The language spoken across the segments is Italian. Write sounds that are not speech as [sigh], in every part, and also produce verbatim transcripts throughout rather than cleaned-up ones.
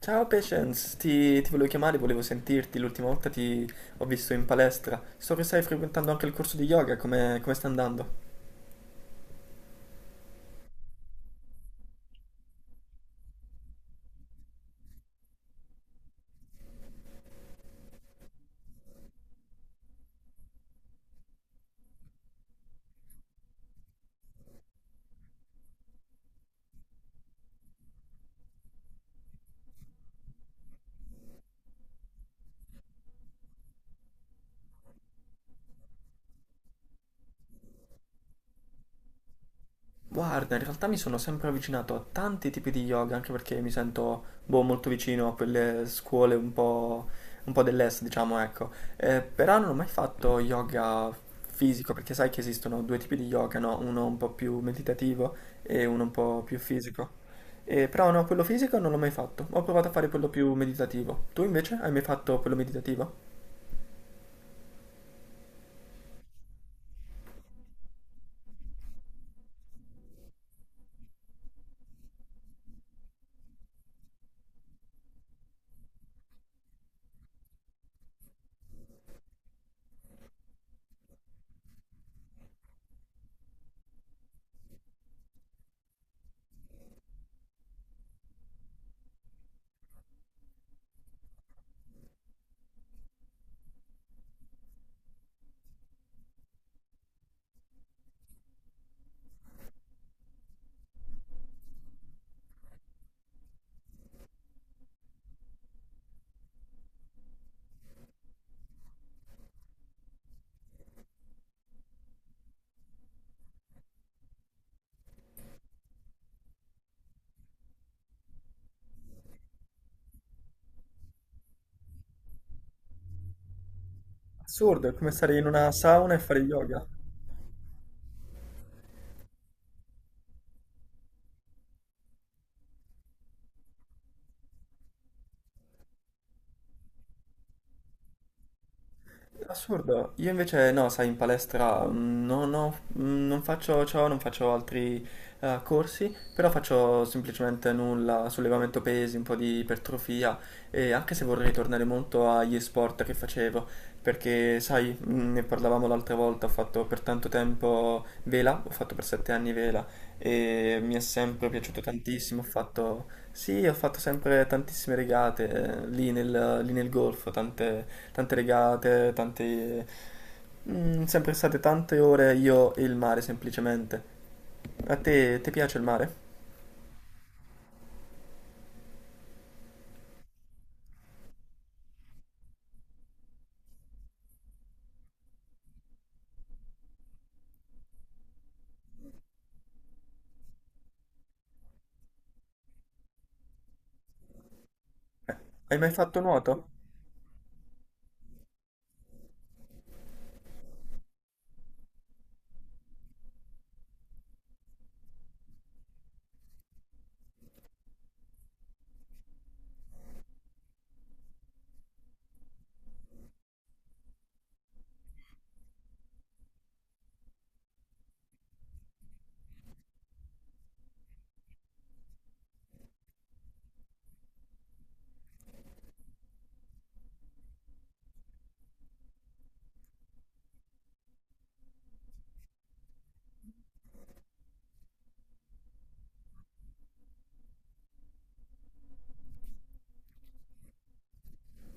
Ciao Patience, ti, ti volevo chiamare, volevo sentirti. L'ultima volta ti ho visto in palestra. So che stai frequentando anche il corso di yoga, come, come sta andando? Guarda, in realtà mi sono sempre avvicinato a tanti tipi di yoga, anche perché mi sento boh, molto vicino a quelle scuole un po', un po' dell'est, diciamo, ecco. Eh, però non ho mai fatto yoga fisico, perché sai che esistono due tipi di yoga, no? Uno un po' più meditativo e uno un po' più fisico. Eh, però no, quello fisico non l'ho mai fatto. Ho provato a fare quello più meditativo. Tu invece hai mai fatto quello meditativo? Assurdo, è come stare in una sauna e fare yoga. Assurdo, io invece no, sai, in palestra mm, non ho- mm, non faccio ciò, non faccio altri eh, corsi, però faccio semplicemente nulla, sollevamento pesi, un po' di ipertrofia e anche se vorrei tornare molto agli sport che facevo, perché sai, mm, ne parlavamo l'altra volta, ho fatto per tanto tempo vela, ho fatto per sette anni vela e mi è sempre piaciuto tantissimo. Ho fatto, sì, ho fatto sempre tantissime regate eh, lì nel, lì nel golfo, tante, tante regate, tante... mm, sempre state tante ore io e il mare semplicemente. A te, ti piace il mare? Eh, Hai mai fatto nuoto?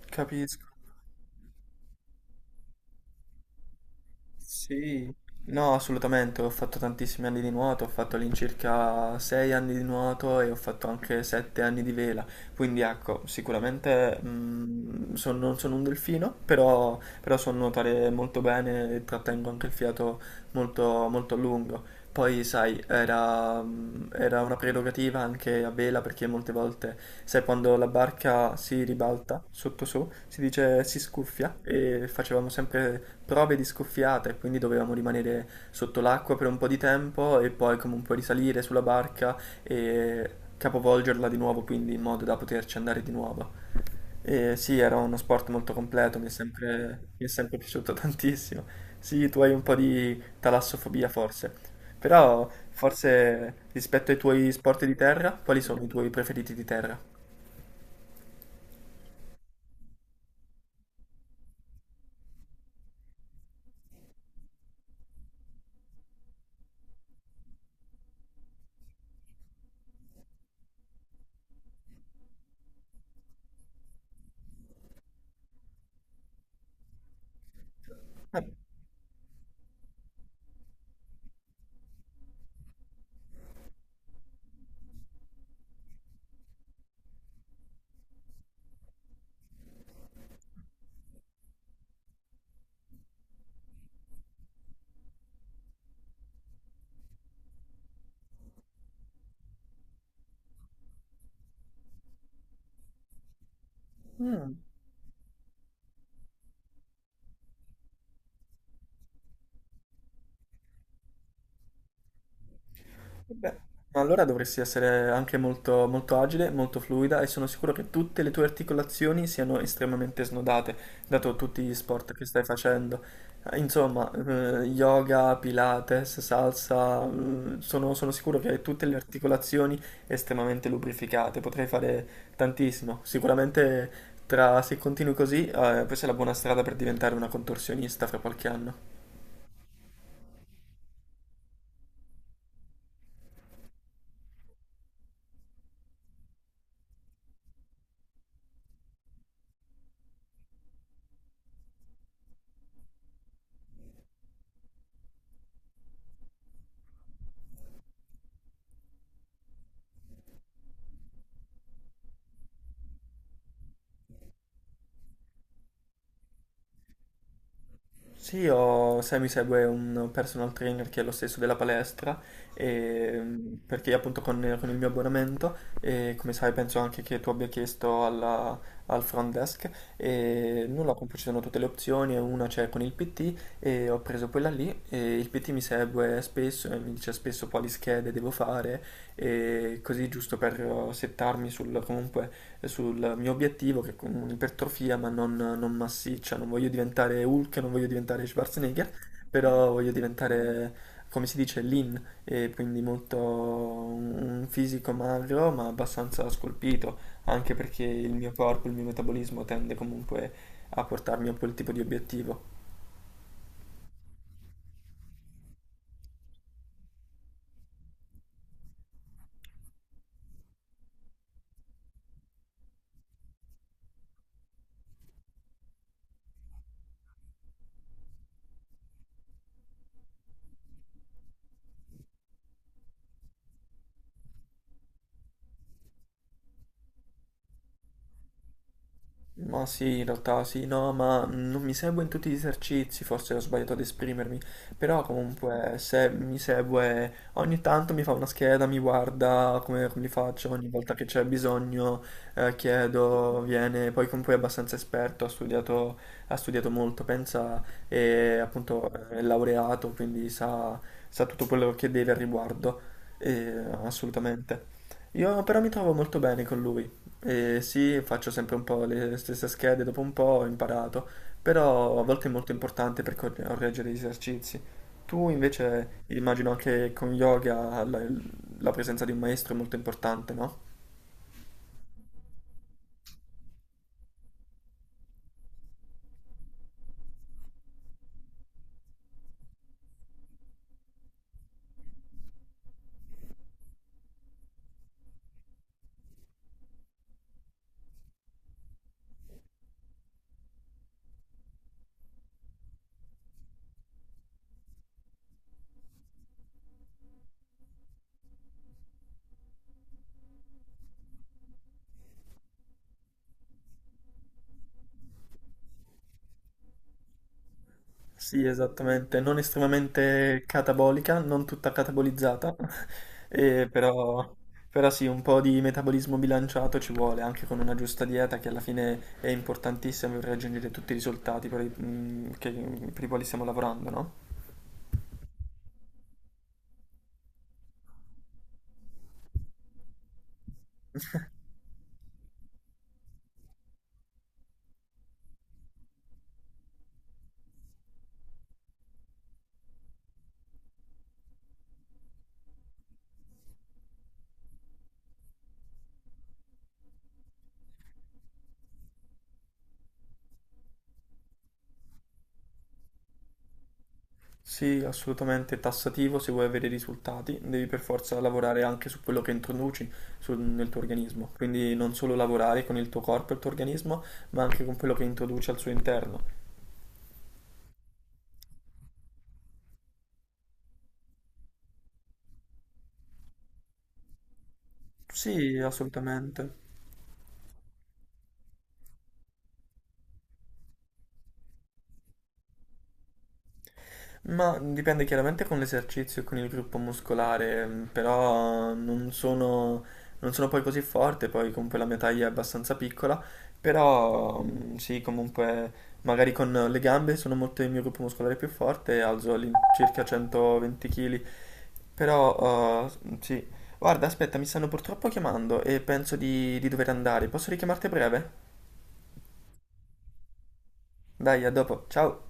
Capisco. Sì, no, assolutamente, ho fatto tantissimi anni di nuoto, ho fatto all'incirca sei anni di nuoto e ho fatto anche sette anni di vela, quindi ecco, sicuramente mh, son- non sono un delfino, però, però so nuotare molto bene e trattengo anche il fiato molto, molto a lungo. Poi, sai, era, mm, era una prerogativa anche a vela perché molte volte, sai, quando la barca si ribalta sotto su, si dice si scuffia e facevamo sempre prove di scuffiata e quindi dovevamo rimanere sotto l'acqua per un po' di tempo e poi comunque risalire sulla barca e capovolgerla di nuovo, quindi in modo da poterci andare di nuovo. E sì, era uno sport molto completo, mi è sempre, mi è sempre piaciuto [laughs] tantissimo. Sì, tu hai un po' di talassofobia forse, però forse rispetto ai tuoi sport di terra, quali sono i tuoi preferiti di terra? Beh, ma allora dovresti essere anche molto, molto agile, molto fluida e sono sicuro che tutte le tue articolazioni siano estremamente snodate, dato tutti gli sport che stai facendo. Eh, Insomma, eh, yoga, pilates, salsa, eh, sono, sono sicuro che hai tutte le articolazioni estremamente lubrificate, potrai fare tantissimo. Sicuramente tra, se continui così, eh, questa è la buona strada per diventare una contorsionista fra qualche anno. Sì, io, sai, mi segue un personal trainer che è lo stesso della palestra, e, mm, perché appunto con, con il mio abbonamento, e come sai penso anche che tu abbia chiesto alla- al front desk, e nulla, comunque ci sono tutte le opzioni, e una c'è con il P T e ho preso quella lì e il P T mi segue spesso e mi dice spesso quali schede devo fare, e così giusto per settarmi sul comunque sul mio obiettivo che è con un'ipertrofia ma non, non massiccia, non voglio diventare Hulk, non voglio diventare Schwarzenegger, però voglio diventare, come si dice, lean, e quindi molto un fisico magro ma abbastanza scolpito, anche perché il mio corpo, il mio metabolismo tende comunque a portarmi a quel tipo di obiettivo. Ma sì, in realtà sì, no, ma non mi segue in tutti gli esercizi, forse ho sbagliato ad esprimermi, però comunque se mi segue ogni tanto mi fa una scheda, mi guarda come, come li faccio, ogni volta che c'è bisogno eh, chiedo, viene, poi comunque è abbastanza esperto, ha studiato, ha studiato molto, pensa, e appunto è laureato, quindi sa, sa tutto quello che deve al riguardo, e, assolutamente. Io però mi trovo molto bene con lui. Eh, sì, faccio sempre un po' le stesse schede, dopo un po' ho imparato, però a volte è molto importante per cor- correggere gli esercizi. Tu invece immagino che con yoga la, la presenza di un maestro è molto importante, no? Sì, esattamente, non estremamente catabolica, non tutta catabolizzata, [laughs] eh, però, però sì, un po' di metabolismo bilanciato ci vuole, anche con una giusta dieta che alla fine è importantissima per raggiungere tutti i risultati per i- mm, che- per i quali stiamo lavorando, no? Sì, assolutamente è tassativo, se vuoi avere risultati devi per forza lavorare anche su quello che introduci sul- nel tuo organismo, quindi non solo lavorare con il tuo corpo e il tuo organismo, ma anche con quello che introduci al suo interno. Sì, assolutamente. Ma dipende chiaramente con l'esercizio e con il gruppo muscolare, mm, però non sono, non sono poi così forte, poi comunque la mia taglia è abbastanza piccola, però mm, sì, comunque magari con le gambe sono molto il mio gruppo muscolare più forte, e alzo all'incirca centoventi chili, però eh, sì. Guarda, aspetta, mi stanno purtroppo chiamando e penso di, di dover andare, posso richiamarti a breve? Dai, a dopo, ciao!